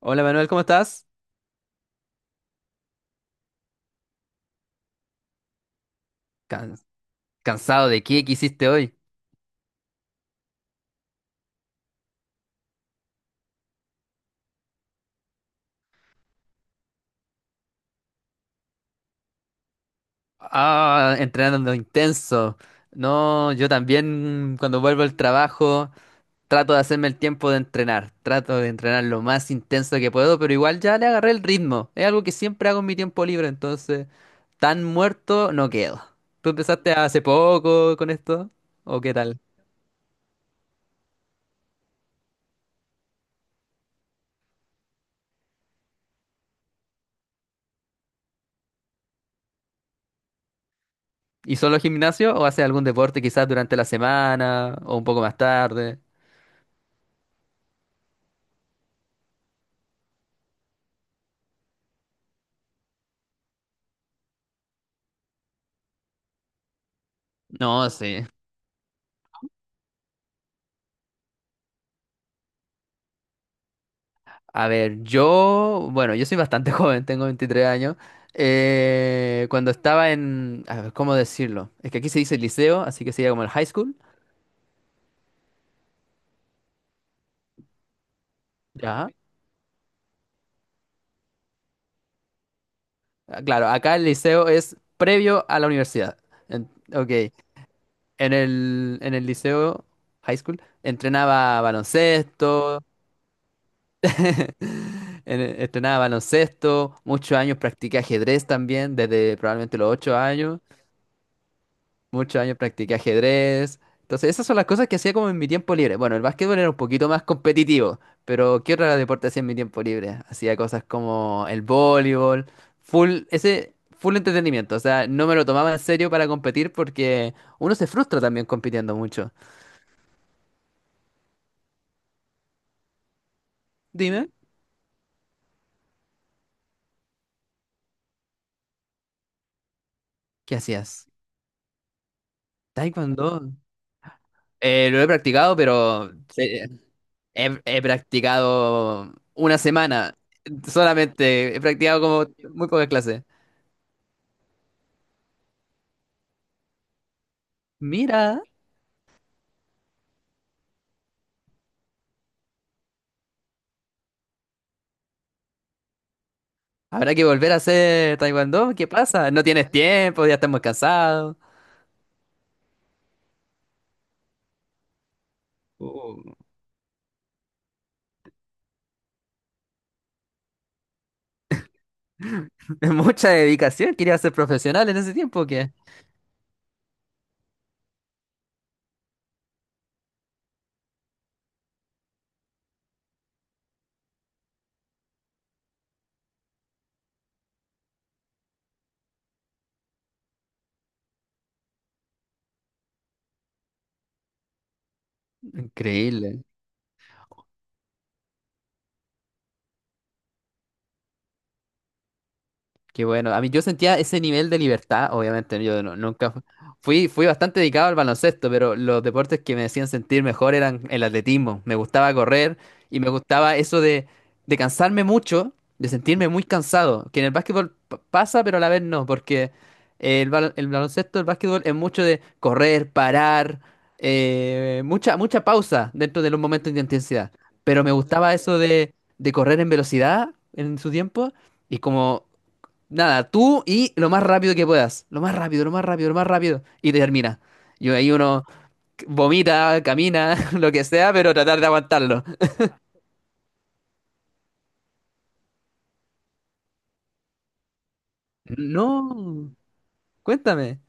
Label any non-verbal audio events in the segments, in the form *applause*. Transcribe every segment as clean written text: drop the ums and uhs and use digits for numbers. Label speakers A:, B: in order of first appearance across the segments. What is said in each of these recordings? A: Hola Manuel, ¿cómo estás? Can- ¿Cansado de qué? ¿Qué hiciste hoy? Ah, entrenando intenso. No, yo también cuando vuelvo al trabajo trato de hacerme el tiempo de entrenar. Trato de entrenar lo más intenso que puedo, pero igual ya le agarré el ritmo. Es algo que siempre hago en mi tiempo libre, entonces tan muerto no quedo. ¿Tú empezaste hace poco con esto? ¿O qué tal? ¿Y solo gimnasio o haces algún deporte quizás durante la semana o un poco más tarde? No, sí. A ver, yo, bueno, yo soy bastante *laughs* joven, tengo 23 años. Cuando estaba en, a ver, ¿cómo decirlo? Es que aquí se dice liceo, así que sería como el high school. Ya. Ah, claro, acá el liceo es previo a la universidad. En- ok, en el liceo, high school, entrenaba baloncesto. *laughs* Entrenaba baloncesto, muchos años practiqué ajedrez también, desde probablemente los 8 años. Muchos años practiqué ajedrez. Entonces, esas son las cosas que hacía como en mi tiempo libre. Bueno, el básquetbol era un poquito más competitivo, pero ¿qué otro deporte hacía en mi tiempo libre? Hacía cosas como el voleibol, full, ese full entretenimiento. O sea, no me lo tomaba en serio para competir porque uno se frustra también compitiendo mucho. Dime, ¿qué hacías? Taekwondo. Lo he practicado, pero eh, he practicado una semana. Solamente he practicado como muy pocas clases. Mira. Habrá que volver a hacer taekwondo. ¿Qué pasa? No tienes tiempo, ya estamos cansados. Oh, *laughs* es mucha dedicación. Quería ser profesional en ese tiempo, ¿o qué? Increíble. Qué bueno. A mí yo sentía ese nivel de libertad, obviamente, ¿no? Yo no- nunca fu- fui, fui bastante dedicado al baloncesto, pero los deportes que me hacían sentir mejor eran el atletismo. Me gustaba correr y me gustaba eso de cansarme mucho, de sentirme muy cansado, que en el básquetbol pasa, pero a la vez no, porque el baloncesto, el básquetbol es mucho de correr, parar, mucha pausa dentro de los momentos de intensidad. Pero me gustaba eso de correr en velocidad en su tiempo. Y como nada, tú y lo más rápido que puedas. Lo más rápido, lo más rápido, lo más rápido. Y termina. Y ahí uno vomita, camina, *laughs* lo que sea, pero tratar de aguantarlo. No, cuéntame.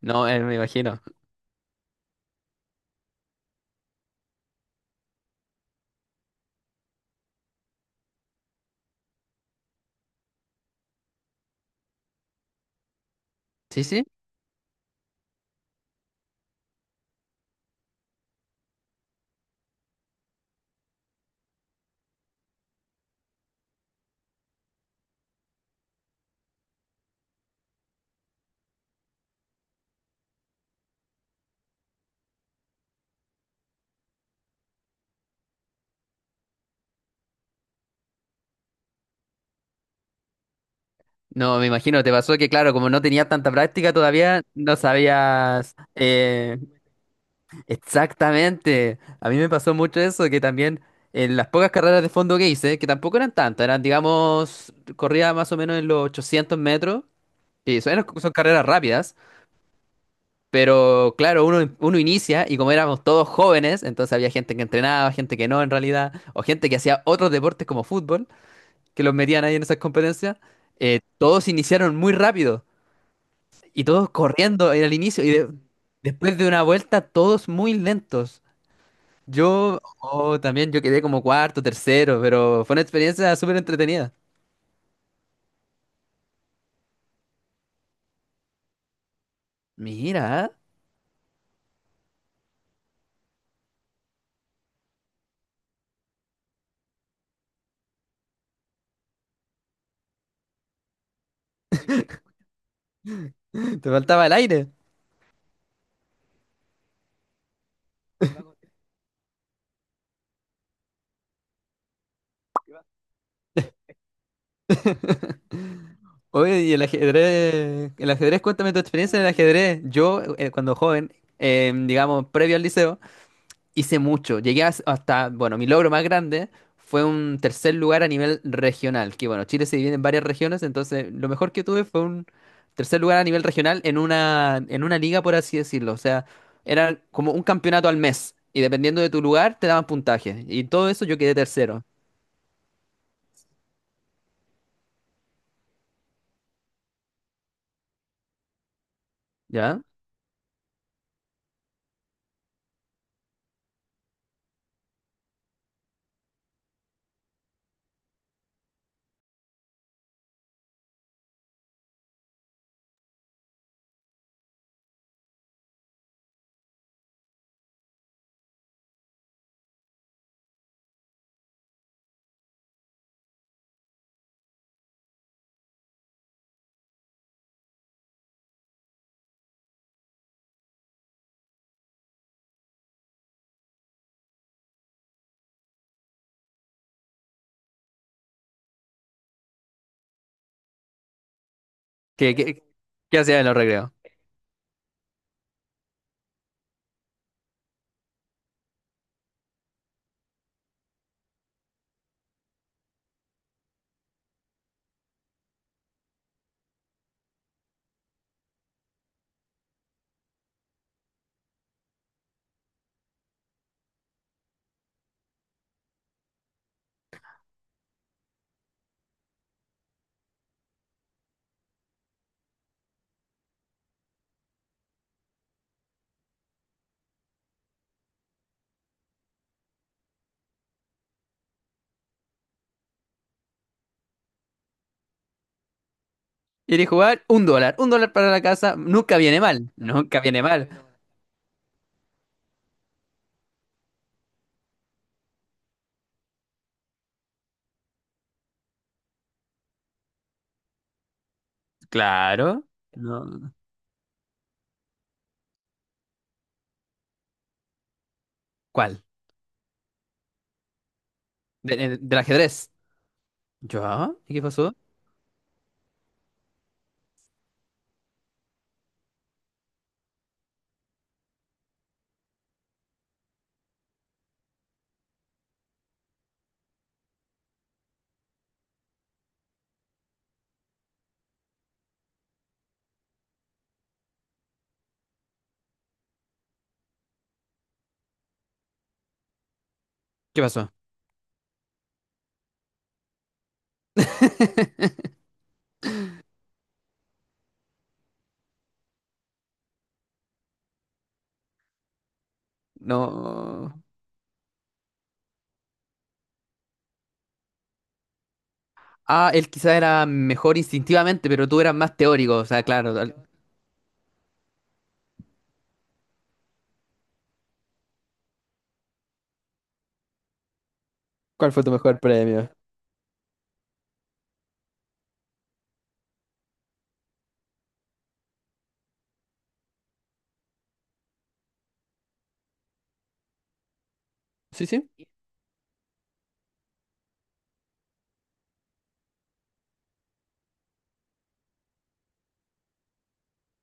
A: No, me imagino. Sí, sí. No, me imagino. Te pasó que, claro, como no tenías tanta práctica todavía, no sabías exactamente. A mí me pasó mucho eso, que también en las pocas carreras de fondo que hice, que tampoco eran tantas, eran, digamos, corría más o menos en los 800 metros. Sí, son carreras rápidas, pero claro, uno inicia y como éramos todos jóvenes, entonces había gente que entrenaba, gente que no en realidad, o gente que hacía otros deportes como fútbol, que los metían ahí en esas competencias. Todos iniciaron muy rápido y todos corriendo en el inicio y después de una vuelta todos muy lentos. Yo oh, también yo quedé como cuarto, tercero, pero fue una experiencia súper entretenida. Mira. *laughs* Te faltaba el aire. *laughs* Oye, y el ajedrez, cuéntame tu experiencia en el ajedrez. Yo, cuando joven, digamos, previo al liceo, hice mucho. Llegué hasta, bueno, mi logro más grande fue un tercer lugar a nivel regional, que bueno, Chile se divide en varias regiones, entonces lo mejor que tuve fue un tercer lugar a nivel regional en una liga, por así decirlo. O sea, era como un campeonato al mes, y dependiendo de tu lugar, te daban puntaje. Y todo eso yo quedé tercero. ¿Ya? ¿Qué, qué, qué hacía en los recreos? ¿Quieres jugar? Un dólar. Un dólar para la casa. Nunca viene mal. Nunca viene mal. Claro. No. ¿Cuál? Del ajedrez. ¿Yo? ¿Y qué pasó? ¿Qué pasó? *laughs* No. Ah, él quizá era mejor instintivamente, pero tú eras más teórico. O sea, claro. ¿Cuál fue tu mejor premio? Sí, sí.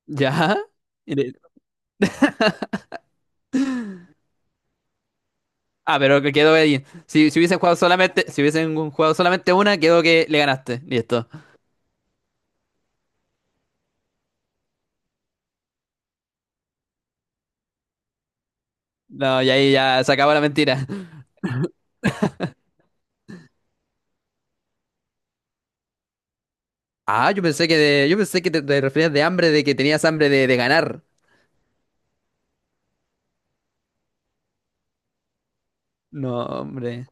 A: ¿Ya? Mire. Ah, pero que quedó ahí. Si hubiesen jugado solamente, si hubiesen jugado solamente una, quedó que le ganaste. Listo. No, y ahí ya se acabó la mentira. Ah, yo pensé que yo pensé que te referías de hambre, de que tenías hambre de ganar. No, hombre.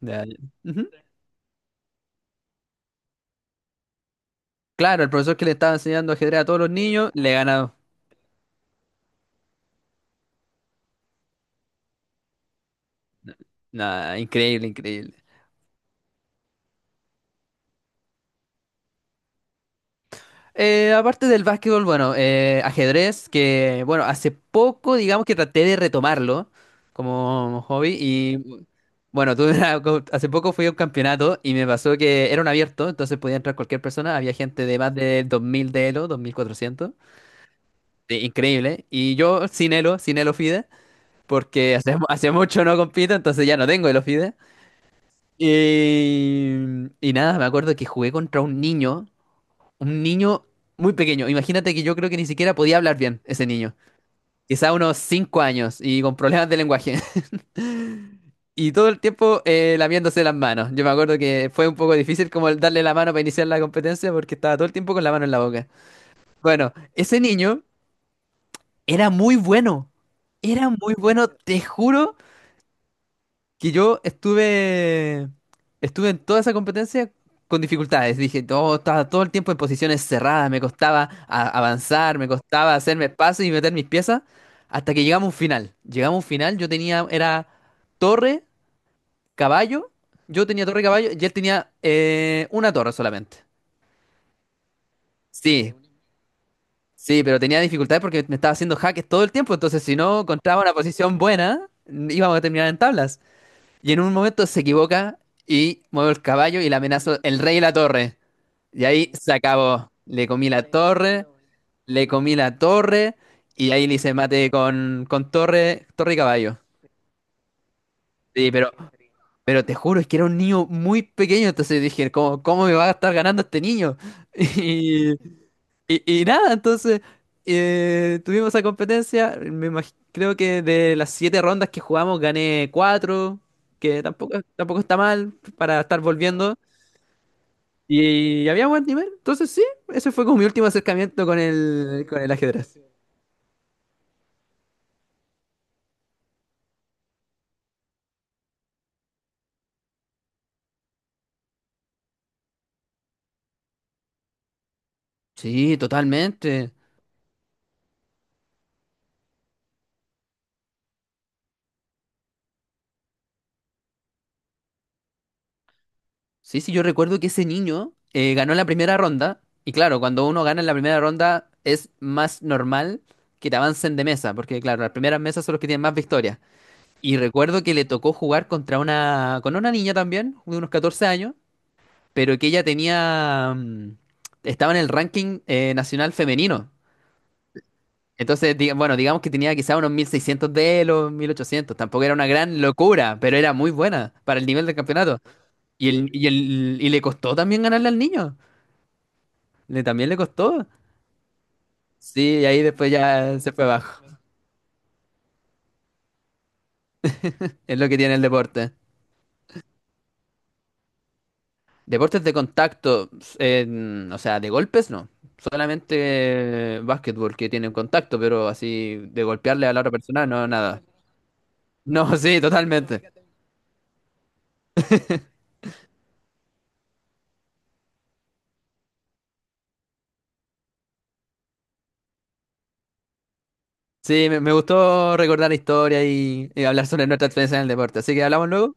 A: Ya, ya. Ujú. Claro, el profesor que le estaba enseñando ajedrez a todos los niños, le he ganado. Nada, increíble, increíble. Aparte del básquetbol, bueno, ajedrez, que bueno, hace poco digamos que traté de retomarlo como hobby y bueno, hace poco fui a un campeonato y me pasó que era un abierto, entonces podía entrar cualquier persona, había gente de más de 2.000 de Elo, 2.400. Sí, increíble. Y yo sin Elo, sin Elo Fide, porque hace mucho no compito, entonces ya no tengo Elo Fide. Y, y nada, me acuerdo que jugué contra un niño muy pequeño. Imagínate que yo creo que ni siquiera podía hablar bien ese niño. Quizá unos 5 años y con problemas de lenguaje. *laughs* Y todo el tiempo lamiéndose las manos. Yo me acuerdo que fue un poco difícil como el darle la mano para iniciar la competencia porque estaba todo el tiempo con la mano en la boca. Bueno, ese niño era muy bueno. Era muy bueno. Te juro que yo estuve. Estuve en toda esa competencia con dificultades. Dije, todo, estaba todo el tiempo en posiciones cerradas. Me costaba avanzar, me costaba hacerme espacio y meter mis piezas. Hasta que llegamos a un final. Llegamos a un final. Yo tenía. Era torre, caballo. Yo tenía torre y caballo. Y él tenía una torre solamente. Sí, sí, pero tenía dificultades porque me estaba haciendo jaques todo el tiempo, entonces si no encontraba una posición buena, íbamos a terminar en tablas. Y en un momento se equivoca y muevo el caballo y le amenazo el rey y la torre. Y ahí se acabó. Le comí la torre, le comí la torre y ahí le hice mate con torre, torre y caballo. Sí, pero te juro, es que era un niño muy pequeño, entonces dije, ¿cómo me va a estar ganando este niño? *laughs* Y, y nada, entonces tuvimos esa competencia. Creo que de las siete rondas que jugamos gané cuatro, que tampoco está mal para estar volviendo. Y, había buen nivel. Entonces sí, ese fue como mi último acercamiento con el ajedrez. Sí, totalmente. Sí, sí, yo recuerdo que ese niño ganó la primera ronda. Y claro, cuando uno gana en la primera ronda es más normal que te avancen de mesa, porque claro, las primeras mesas son los que tienen más victorias. Y recuerdo que le tocó jugar contra una, con una niña también, de unos 14 años, pero que ella tenía, estaba en el ranking nacional femenino. Entonces, bueno, digamos que tenía quizá unos 1.600 de los 1.800. Tampoco era una gran locura, pero era muy buena para el nivel del campeonato. Y le costó también ganarle al niño. También le costó. Sí, y ahí después ya se fue abajo. Es lo que tiene el deporte. Deportes de contacto, eh, o sea, de golpes no. Solamente básquetbol que tienen contacto, pero así de golpearle a la otra persona, no, nada. No, *laughs* sí, totalmente. Sí, me gustó recordar la historia y hablar sobre nuestra experiencia en el deporte. Así que hablamos luego.